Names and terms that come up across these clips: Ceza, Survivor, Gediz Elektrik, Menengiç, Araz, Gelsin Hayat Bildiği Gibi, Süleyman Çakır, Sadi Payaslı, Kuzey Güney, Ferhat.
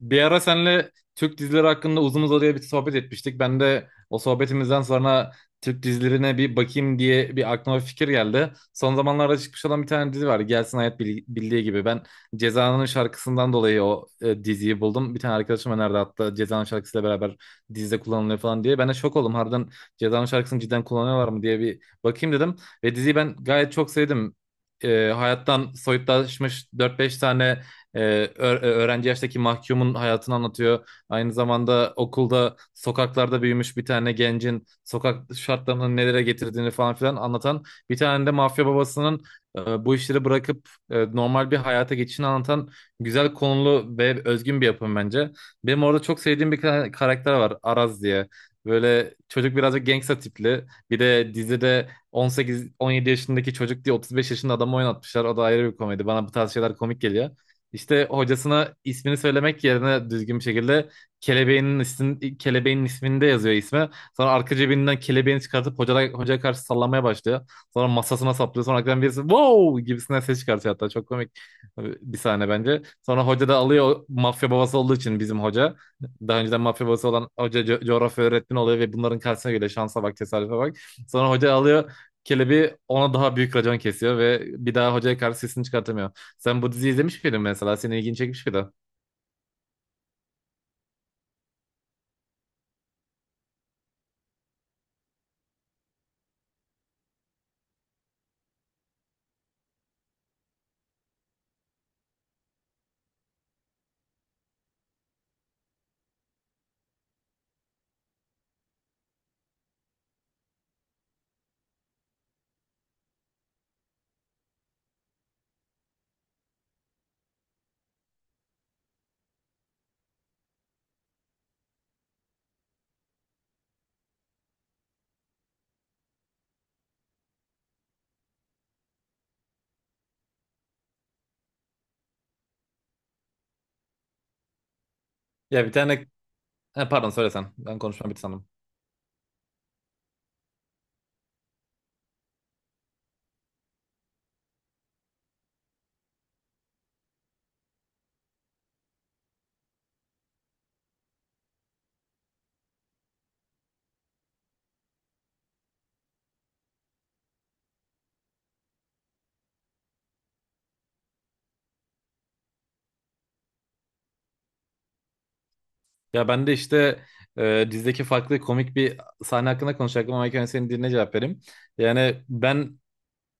Bir ara senle Türk dizileri hakkında uzun uzadıya bir sohbet etmiştik. Ben de o sohbetimizden sonra Türk dizilerine bir bakayım diye aklıma bir fikir geldi. Son zamanlarda çıkmış olan bir tane dizi var. Gelsin Hayat Bildiği gibi. Ben Ceza'nın şarkısından dolayı o diziyi buldum. Bir tane arkadaşım önerdi hatta Ceza'nın şarkısıyla beraber dizide kullanılıyor falan diye. Ben de şok oldum. Harbiden Ceza'nın şarkısını cidden kullanıyorlar mı diye bir bakayım dedim. Ve diziyi ben gayet çok sevdim. Hayattan soyutlaşmış dört beş tane e, ö- öğrenci yaştaki mahkumun hayatını anlatıyor. Aynı zamanda okulda sokaklarda büyümüş bir tane gencin sokak şartlarının nelere getirdiğini falan filan anlatan, bir tane de mafya babasının bu işleri bırakıp normal bir hayata geçişini anlatan güzel konulu ve özgün bir yapım bence. Benim orada çok sevdiğim bir karakter var, Araz diye. Böyle çocuk birazcık gangsta tipli. Bir de dizide 18-17 yaşındaki çocuk diye 35 yaşında adamı oynatmışlar. O da ayrı bir komedi. Bana bu tarz şeyler komik geliyor. İşte hocasına ismini söylemek yerine düzgün bir şekilde kelebeğin isminde yazıyor ismi. Sonra arka cebinden kelebeğini çıkartıp hocaya karşı sallamaya başlıyor. Sonra masasına saplıyor. Sonra arkadan birisi wow gibisinden ses çıkartıyor hatta. Çok komik bir sahne bence. Sonra hoca da alıyor, o mafya babası olduğu için bizim hoca. Daha önceden mafya babası olan hoca coğrafya öğretmeni oluyor ve bunların karşısına geliyor. Şansa bak, tesadüfe bak. Sonra hoca alıyor kelebeği, ona daha büyük racon kesiyor ve bir daha hocaya karşı sesini çıkartamıyor. Sen bu diziyi izlemiş miydin mesela? Senin ilgini çekmiş miydi? Ya bir tane... Ha, pardon, söyle sen. Ben konuşmam bitti sandım. Ya ben de işte dizideki farklı komik bir sahne hakkında konuşacaktım ama ilk önce senin diline cevap vereyim. Yani ben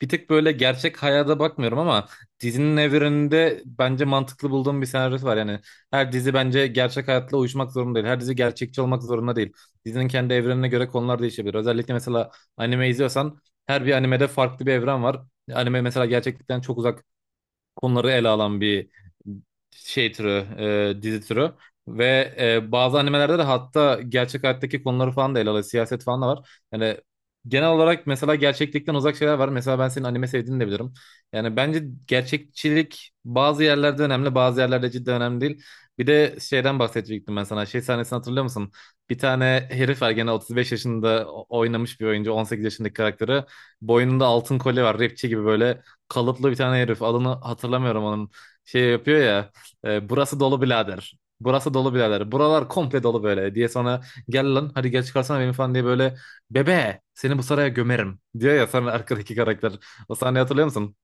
bir tık böyle gerçek hayata bakmıyorum ama dizinin evreninde bence mantıklı bulduğum bir senaryosu var. Yani her dizi bence gerçek hayatla uyuşmak zorunda değil. Her dizi gerçekçi olmak zorunda değil. Dizinin kendi evrenine göre konular değişebilir. Özellikle mesela anime izliyorsan her bir animede farklı bir evren var. Anime mesela gerçeklikten çok uzak konuları ele alan bir şey türü, dizi türü. Ve bazı animelerde de hatta gerçek hayattaki konuları falan da ele alıyor. Siyaset falan da var. Yani genel olarak mesela gerçeklikten uzak şeyler var. Mesela ben senin anime sevdiğini de bilirim. Yani bence gerçekçilik bazı yerlerde önemli, bazı yerlerde cidden önemli değil. Bir de şeyden bahsedecektim ben sana. Şey sahnesini hatırlıyor musun? Bir tane herif var gene, 35 yaşında oynamış bir oyuncu, 18 yaşındaki karakteri. Boynunda altın kolye var. Rapçi gibi böyle kalıplı bir tane herif. Adını hatırlamıyorum onun. Şey yapıyor ya. Burası dolu birader. Burası dolu birader. Buralar komple dolu böyle diye, sonra gel lan hadi gel çıkarsana beni falan diye böyle, bebe seni bu saraya gömerim diyor ya sonra arkadaki karakter. O sahneyi hatırlıyor musun?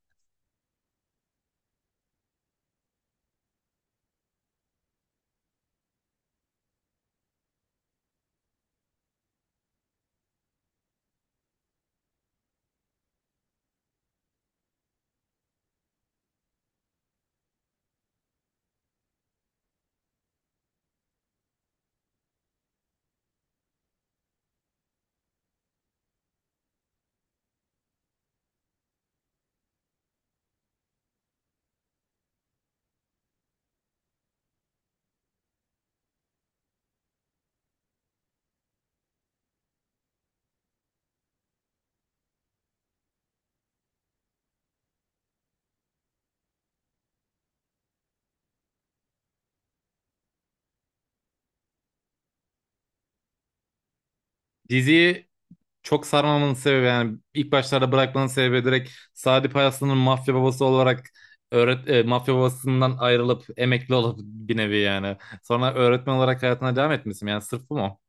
Diziyi çok sarmamın sebebi, yani ilk başlarda bırakmanın sebebi, direkt Sadi Payaslı'nın mafya babası olarak mafya babasından ayrılıp emekli olup bir nevi yani. Sonra öğretmen olarak hayatına devam etmişsin, yani sırf bu mu?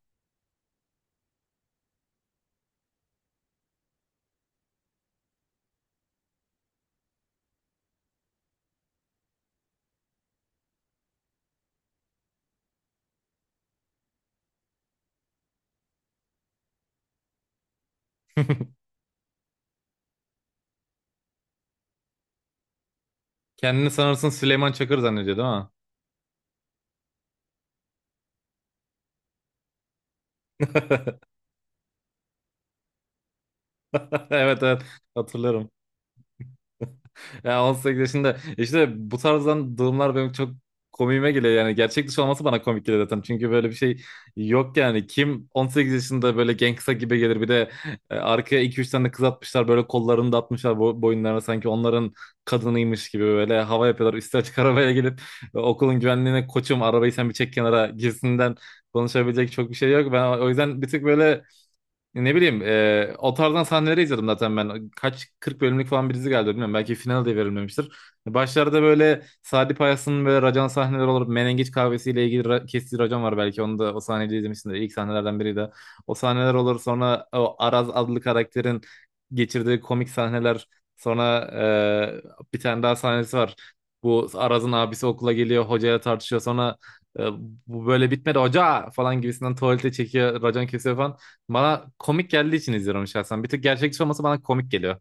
Kendini sanırsın Süleyman Çakır zannediyor, değil mi? Evet evet, hatırlarım. Ya 18 yaşında işte bu tarzdan durumlar benim çok komiğime geliyor, yani gerçek dışı olması bana komik geliyor zaten, çünkü böyle bir şey yok. Yani kim 18 yaşında böyle gangsta gibi gelir, bir de arkaya 2-3 tane kız atmışlar, böyle kollarını da atmışlar boyunlarına, sanki onların kadınıymış gibi böyle hava yapıyorlar, üstü açık arabaya gelip okulun güvenliğine koçum arabayı sen bir çek kenara gibisinden. Konuşabilecek çok bir şey yok, ben o yüzden bir tık böyle. Ne bileyim, o tarzdan sahneleri izledim zaten ben. Kaç 40 bölümlük falan bir dizi geldi bilmiyorum. Belki final de verilmemiştir. Başlarda böyle Sadi Payas'ın böyle racan sahneleri olur. Menengiç kahvesiyle ilgili kestiği racon var belki. Onu da, o sahneyi izlemişsindir. İlk sahnelerden biri de. O sahneler olur. Sonra o Araz adlı karakterin geçirdiği komik sahneler. Sonra bir tane daha sahnesi var. Bu Araz'ın abisi okula geliyor. Hocayla tartışıyor. Sonra e, bu böyle bitmedi hoca falan gibisinden tuvalete çekiyor. Racan kesiyor falan. Bana komik geldiği için izliyorum şahsen. Bir tık gerçekçi olması bana komik geliyor.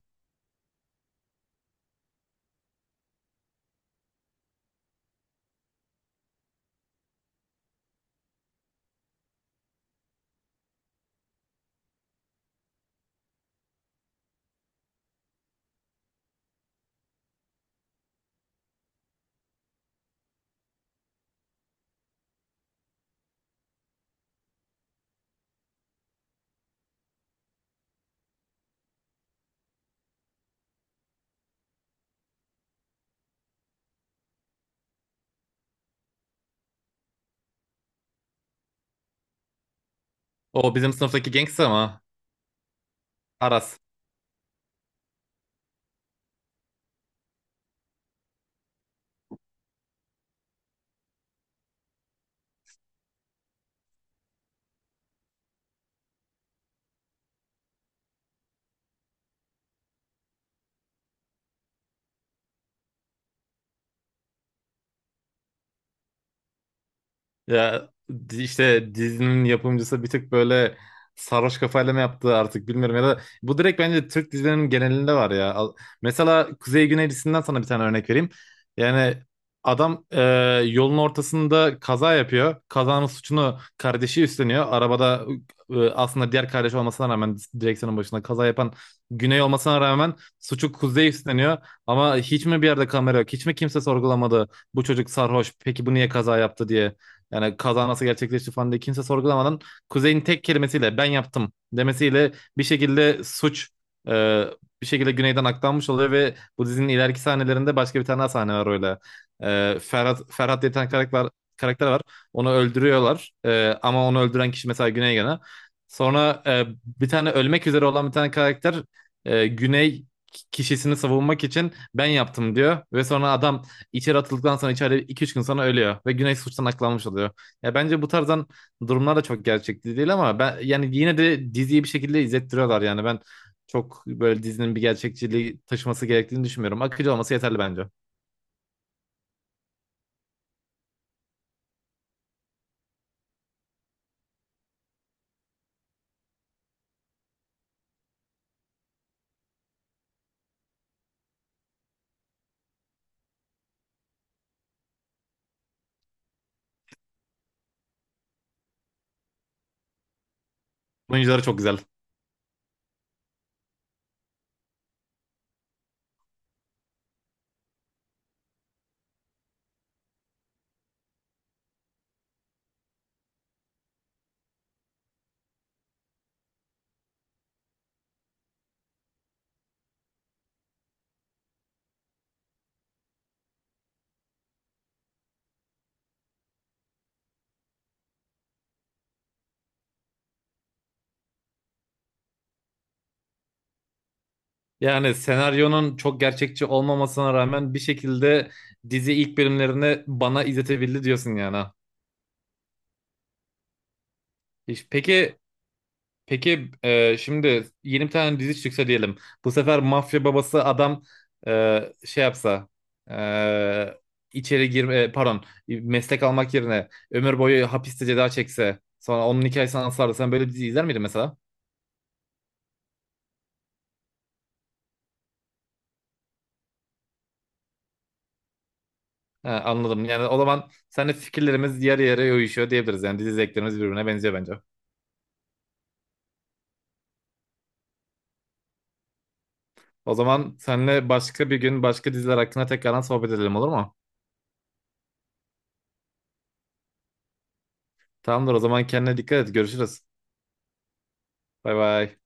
O bizim sınıftaki gangster ama Aras. Ya işte dizinin yapımcısı bir tık böyle sarhoş kafayla mı yaptı artık bilmiyorum, ya da bu direkt bence Türk dizilerinin genelinde var ya. Mesela Kuzey Güney dizisinden sana bir tane örnek vereyim. Yani adam yolun ortasında kaza yapıyor. Kazanın suçunu kardeşi üstleniyor. Arabada aslında diğer kardeş olmasına rağmen, direksiyonun başında kaza yapan Güney olmasına rağmen suçu Kuzey üstleniyor. Ama hiç mi bir yerde kamera yok? Hiç mi kimse sorgulamadı bu çocuk sarhoş, peki bu niye kaza yaptı diye? Yani kaza nasıl gerçekleşti falan diye kimse sorgulamadan, Kuzey'in tek kelimesiyle ben yaptım demesiyle, bir şekilde suç e, bir şekilde Güney'den aktarmış oluyor. Ve bu dizinin ileriki sahnelerinde başka bir tane daha sahne var öyle. Ferhat diye bir tane karakter var. Onu öldürüyorlar. Ama onu öldüren kişi mesela Güney gene. Sonra bir tane ölmek üzere olan bir tane karakter, Güney kişisini savunmak için ben yaptım diyor ve sonra adam içeri atıldıktan sonra içeride 2-3 gün sonra ölüyor ve Güney suçtan aklanmış oluyor. Ya bence bu tarzdan durumlar da çok gerçekçi değil, ama ben yani yine de diziyi bir şekilde izlettiriyorlar. Yani ben çok böyle dizinin bir gerçekçiliği taşıması gerektiğini düşünmüyorum. Akıcı olması yeterli bence. Oyuncuları çok güzel. Yani senaryonun çok gerçekçi olmamasına rağmen bir şekilde dizi ilk bölümlerini bana izletebildi diyorsun yani. Ha. Hiç- Peki Peki şimdi yeni bir tane dizi çıksa diyelim. Bu sefer mafya babası adam şey yapsa, e, pardon meslek almak yerine ömür boyu hapiste ceza çekse, sonra onun hikayesini anlatsa, sen böyle bir dizi izler miydin mesela? He, anladım. Yani o zaman seninle fikirlerimiz yarı yarıya uyuşuyor diyebiliriz. Yani dizi zevklerimiz birbirine benziyor bence. O zaman seninle başka bir gün başka diziler hakkında tekrardan sohbet edelim, olur mu? Tamamdır, o zaman kendine dikkat et. Görüşürüz. Bay bay.